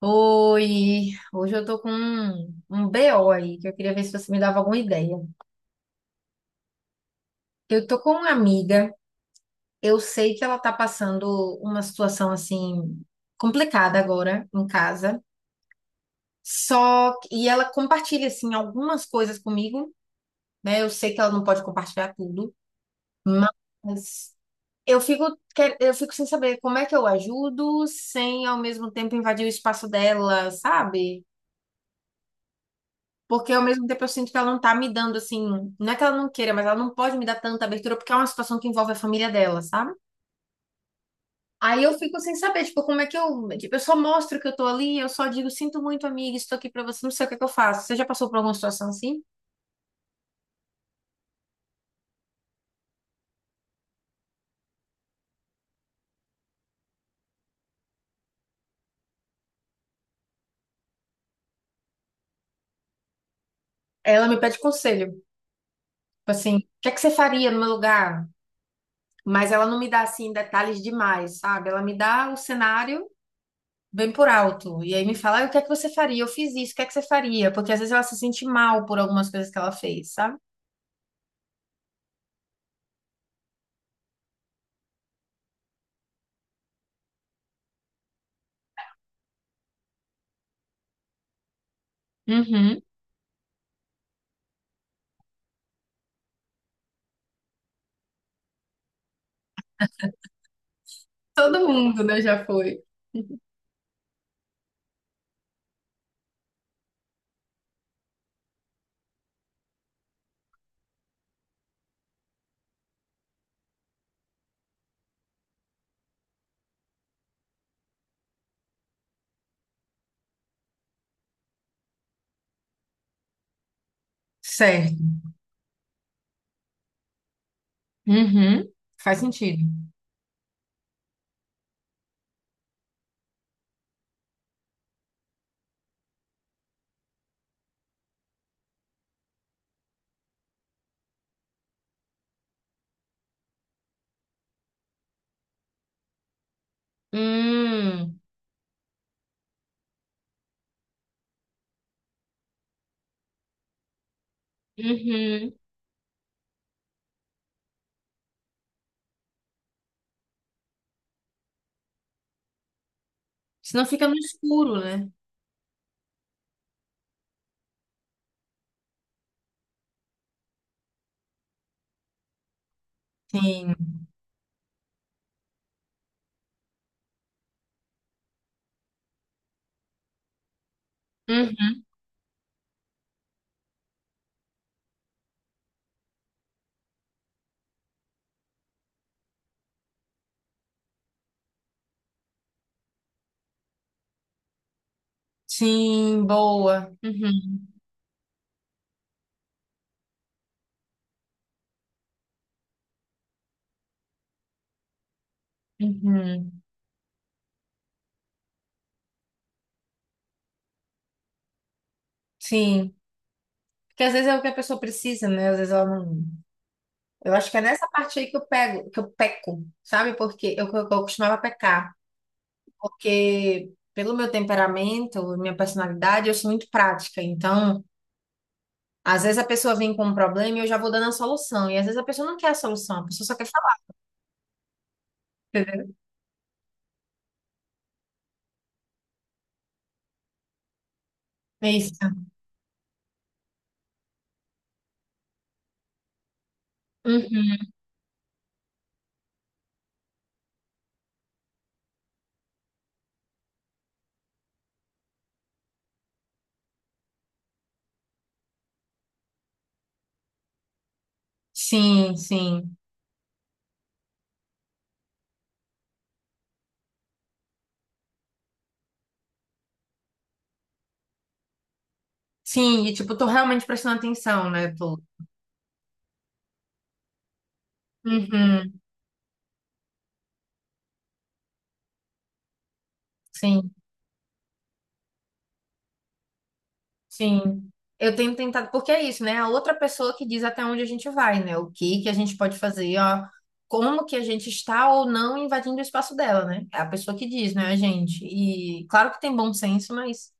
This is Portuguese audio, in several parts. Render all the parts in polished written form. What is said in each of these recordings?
Oi, hoje eu tô com um BO aí, que eu queria ver se você me dava alguma ideia. Eu tô com uma amiga, eu sei que ela tá passando uma situação assim complicada agora em casa. Só que, e ela compartilha assim algumas coisas comigo, né? Eu sei que ela não pode compartilhar tudo, mas eu fico eu fico sem saber como é que eu ajudo sem ao mesmo tempo invadir o espaço dela, sabe? Porque ao mesmo tempo eu sinto que ela não tá me dando assim, não é que ela não queira, mas ela não pode me dar tanta abertura porque é uma situação que envolve a família dela, sabe? Aí eu fico sem saber, tipo, como é que eu, tipo, eu só mostro que eu tô ali, eu só digo, sinto muito, amiga, estou aqui pra você, não sei o que é que eu faço. Você já passou por alguma situação assim? Ela me pede conselho, tipo assim, o que é que você faria no meu lugar? Mas ela não me dá assim detalhes demais, sabe? Ela me dá o cenário bem por alto e aí me fala, "Ah, o que é que você faria? Eu fiz isso, o que é que você faria? Porque às vezes ela se sente mal por algumas coisas que ela fez, sabe? Uhum. Todo mundo, né, já foi. Certo. Uhum. Faz sentido. Hum. Uhum. Senão fica no escuro, né? Sim. Uhum. Sim, boa. Uhum. Uhum. Sim. Porque às vezes é o que a pessoa precisa, né? Às vezes ela não. Eu acho que é nessa parte aí que eu pego, que eu peco, sabe? Porque eu costumava pecar. Porque pelo meu temperamento, minha personalidade, eu sou muito prática. Então. Às vezes a pessoa vem com um problema e eu já vou dando a solução. E às vezes a pessoa não quer a solução, a pessoa só quer falar. Entendeu? É isso. Uhum. Sim, sim. Sim, e tipo, tô realmente prestando atenção, né? Tô... Uhum. Sim, sim. Eu tenho tentado, porque é isso, né? A outra pessoa que diz até onde a gente vai, né? O que que a gente pode fazer, ó. Como que a gente está ou não invadindo o espaço dela, né? É a pessoa que diz, né, a gente? E claro que tem bom senso, mas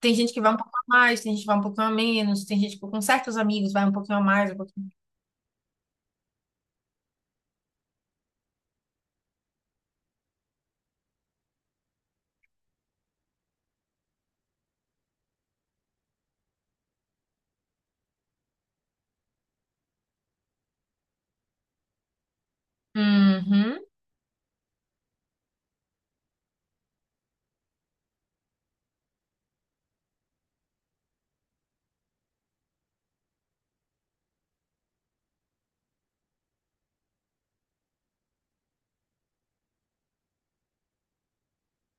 tem gente que vai um pouco a mais, tem gente que vai um pouquinho a menos, tem gente que com certos amigos vai um pouquinho a mais, um pouquinho. Uhum.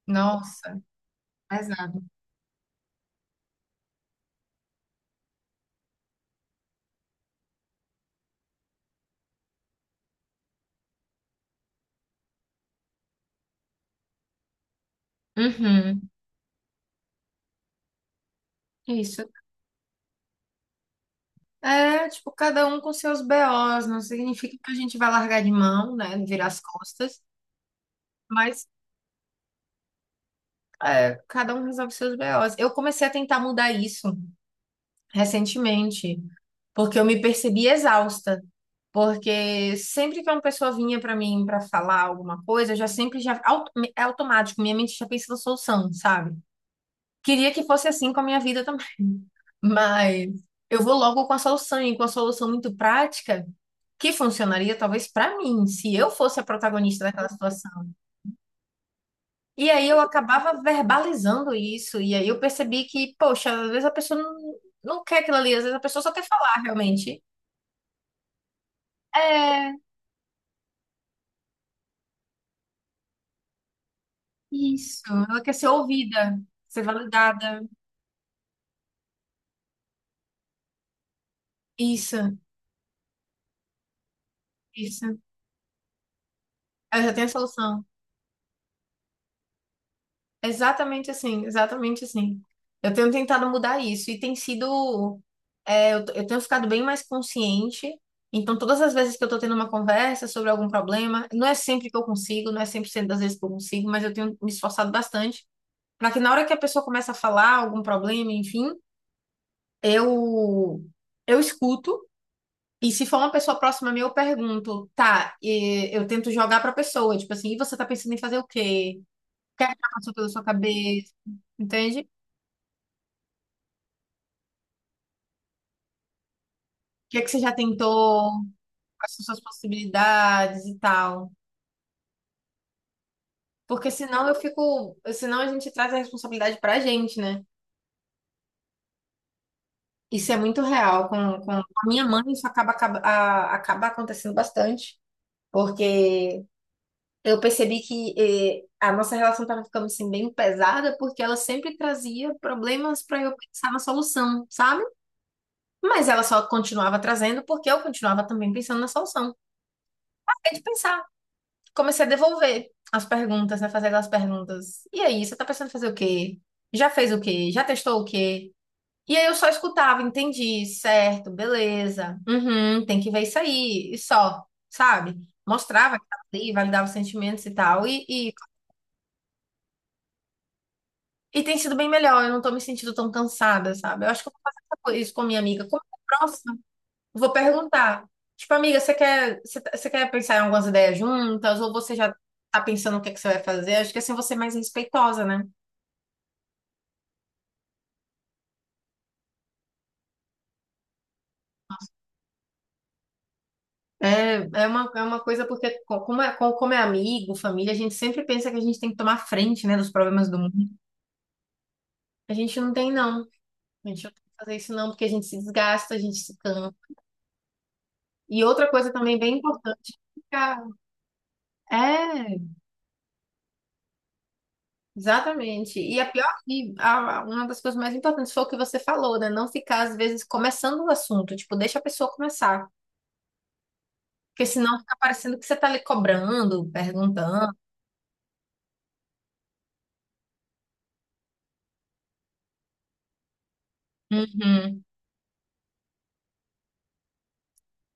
Nossa, pesado. Uhum. Isso. É, tipo, cada um com seus BOs, não significa que a gente vai largar de mão, né, virar as costas, mas é, cada um resolve seus BOs. Eu comecei a tentar mudar isso recentemente, porque eu me percebi exausta. Porque sempre que uma pessoa vinha para mim para falar alguma coisa, eu já sempre já auto- é automático, minha mente já pensa na solução, sabe? Queria que fosse assim com a minha vida também, mas eu vou logo com a solução e com a solução muito prática que funcionaria talvez para mim, se eu fosse a protagonista daquela situação. E aí eu acabava verbalizando isso e aí eu percebi que, poxa, às vezes a pessoa não, não quer aquilo ali, às vezes a pessoa só quer falar realmente. É isso, ela quer ser ouvida, ser validada. Isso, isso. Eu já tenho a solução. Exatamente assim, exatamente assim. Eu tenho tentado mudar isso e tem sido. É, eu tenho ficado bem mais consciente. Então, todas as vezes que eu tô tendo uma conversa sobre algum problema, não é sempre que eu consigo, não é 100% das vezes que eu consigo, mas eu tenho me esforçado bastante para que na hora que a pessoa começa a falar algum problema, enfim, eu, eu escuto. E se for uma pessoa próxima a mim, eu pergunto, tá, e eu tento jogar pra pessoa, tipo assim, e você tá pensando em fazer o quê? O que é que já passou pela sua cabeça, entende? O que é que você já tentou, quais são suas possibilidades e tal. Porque senão eu fico, senão a gente traz a responsabilidade pra gente, né? Isso é muito real. Com a minha mãe, isso acaba acontecendo bastante. Porque eu percebi que eh, a nossa relação estava ficando assim, bem pesada, porque ela sempre trazia problemas para eu pensar na solução, sabe? Mas ela só continuava trazendo porque eu continuava também pensando na solução. É de pensar. Comecei a devolver as perguntas, né? Fazer aquelas perguntas. E aí, você tá pensando em fazer o quê? Já fez o quê? Já testou o quê? E aí eu só escutava, entendi, certo, beleza. Uhum, tem que ver isso aí. E só, sabe? Mostrava que tava ali, validava os sentimentos e tal. E tem sido bem melhor, eu não tô me sentindo tão cansada, sabe? Eu acho que eu vou fazer isso com a minha amiga. Como é próximo. Vou perguntar. Tipo, amiga, você quer, você, você quer pensar em algumas ideias juntas? Ou você já tá pensando o que é que você vai fazer? Acho que assim você é mais respeitosa, né? É, é uma coisa porque, como é amigo, família, a gente sempre pensa que a gente tem que tomar frente, né, dos problemas do mundo. A gente não tem, não. A gente não tem que fazer isso, não, porque a gente se desgasta, a gente se cansa. E outra coisa também bem importante, ficar. É. Exatamente. E a pior, uma das coisas mais importantes foi o que você falou, né? Não ficar, às vezes, começando o assunto. Tipo, deixa a pessoa começar. Porque senão fica parecendo que você tá ali cobrando, perguntando. Uhum.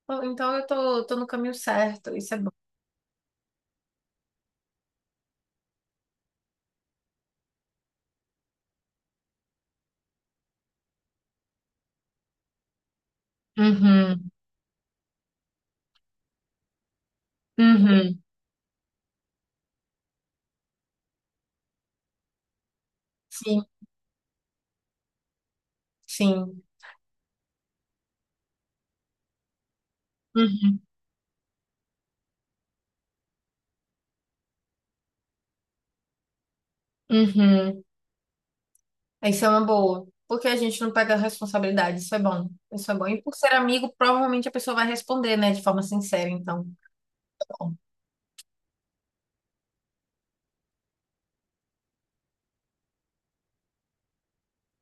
Pô, então eu tô no caminho certo, isso é bom. Uhum. Uhum. Sim, sim. Uhum. Uhum. Isso é uma boa. Porque a gente não pega responsabilidade, isso é bom. Isso é bom. E por ser amigo, provavelmente a pessoa vai responder, né? De forma sincera, então. Bom.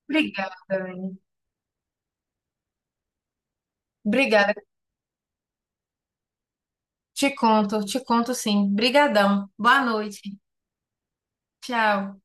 Obrigada, Anne. Obrigada. Te conto sim. Brigadão. Boa noite. Tchau.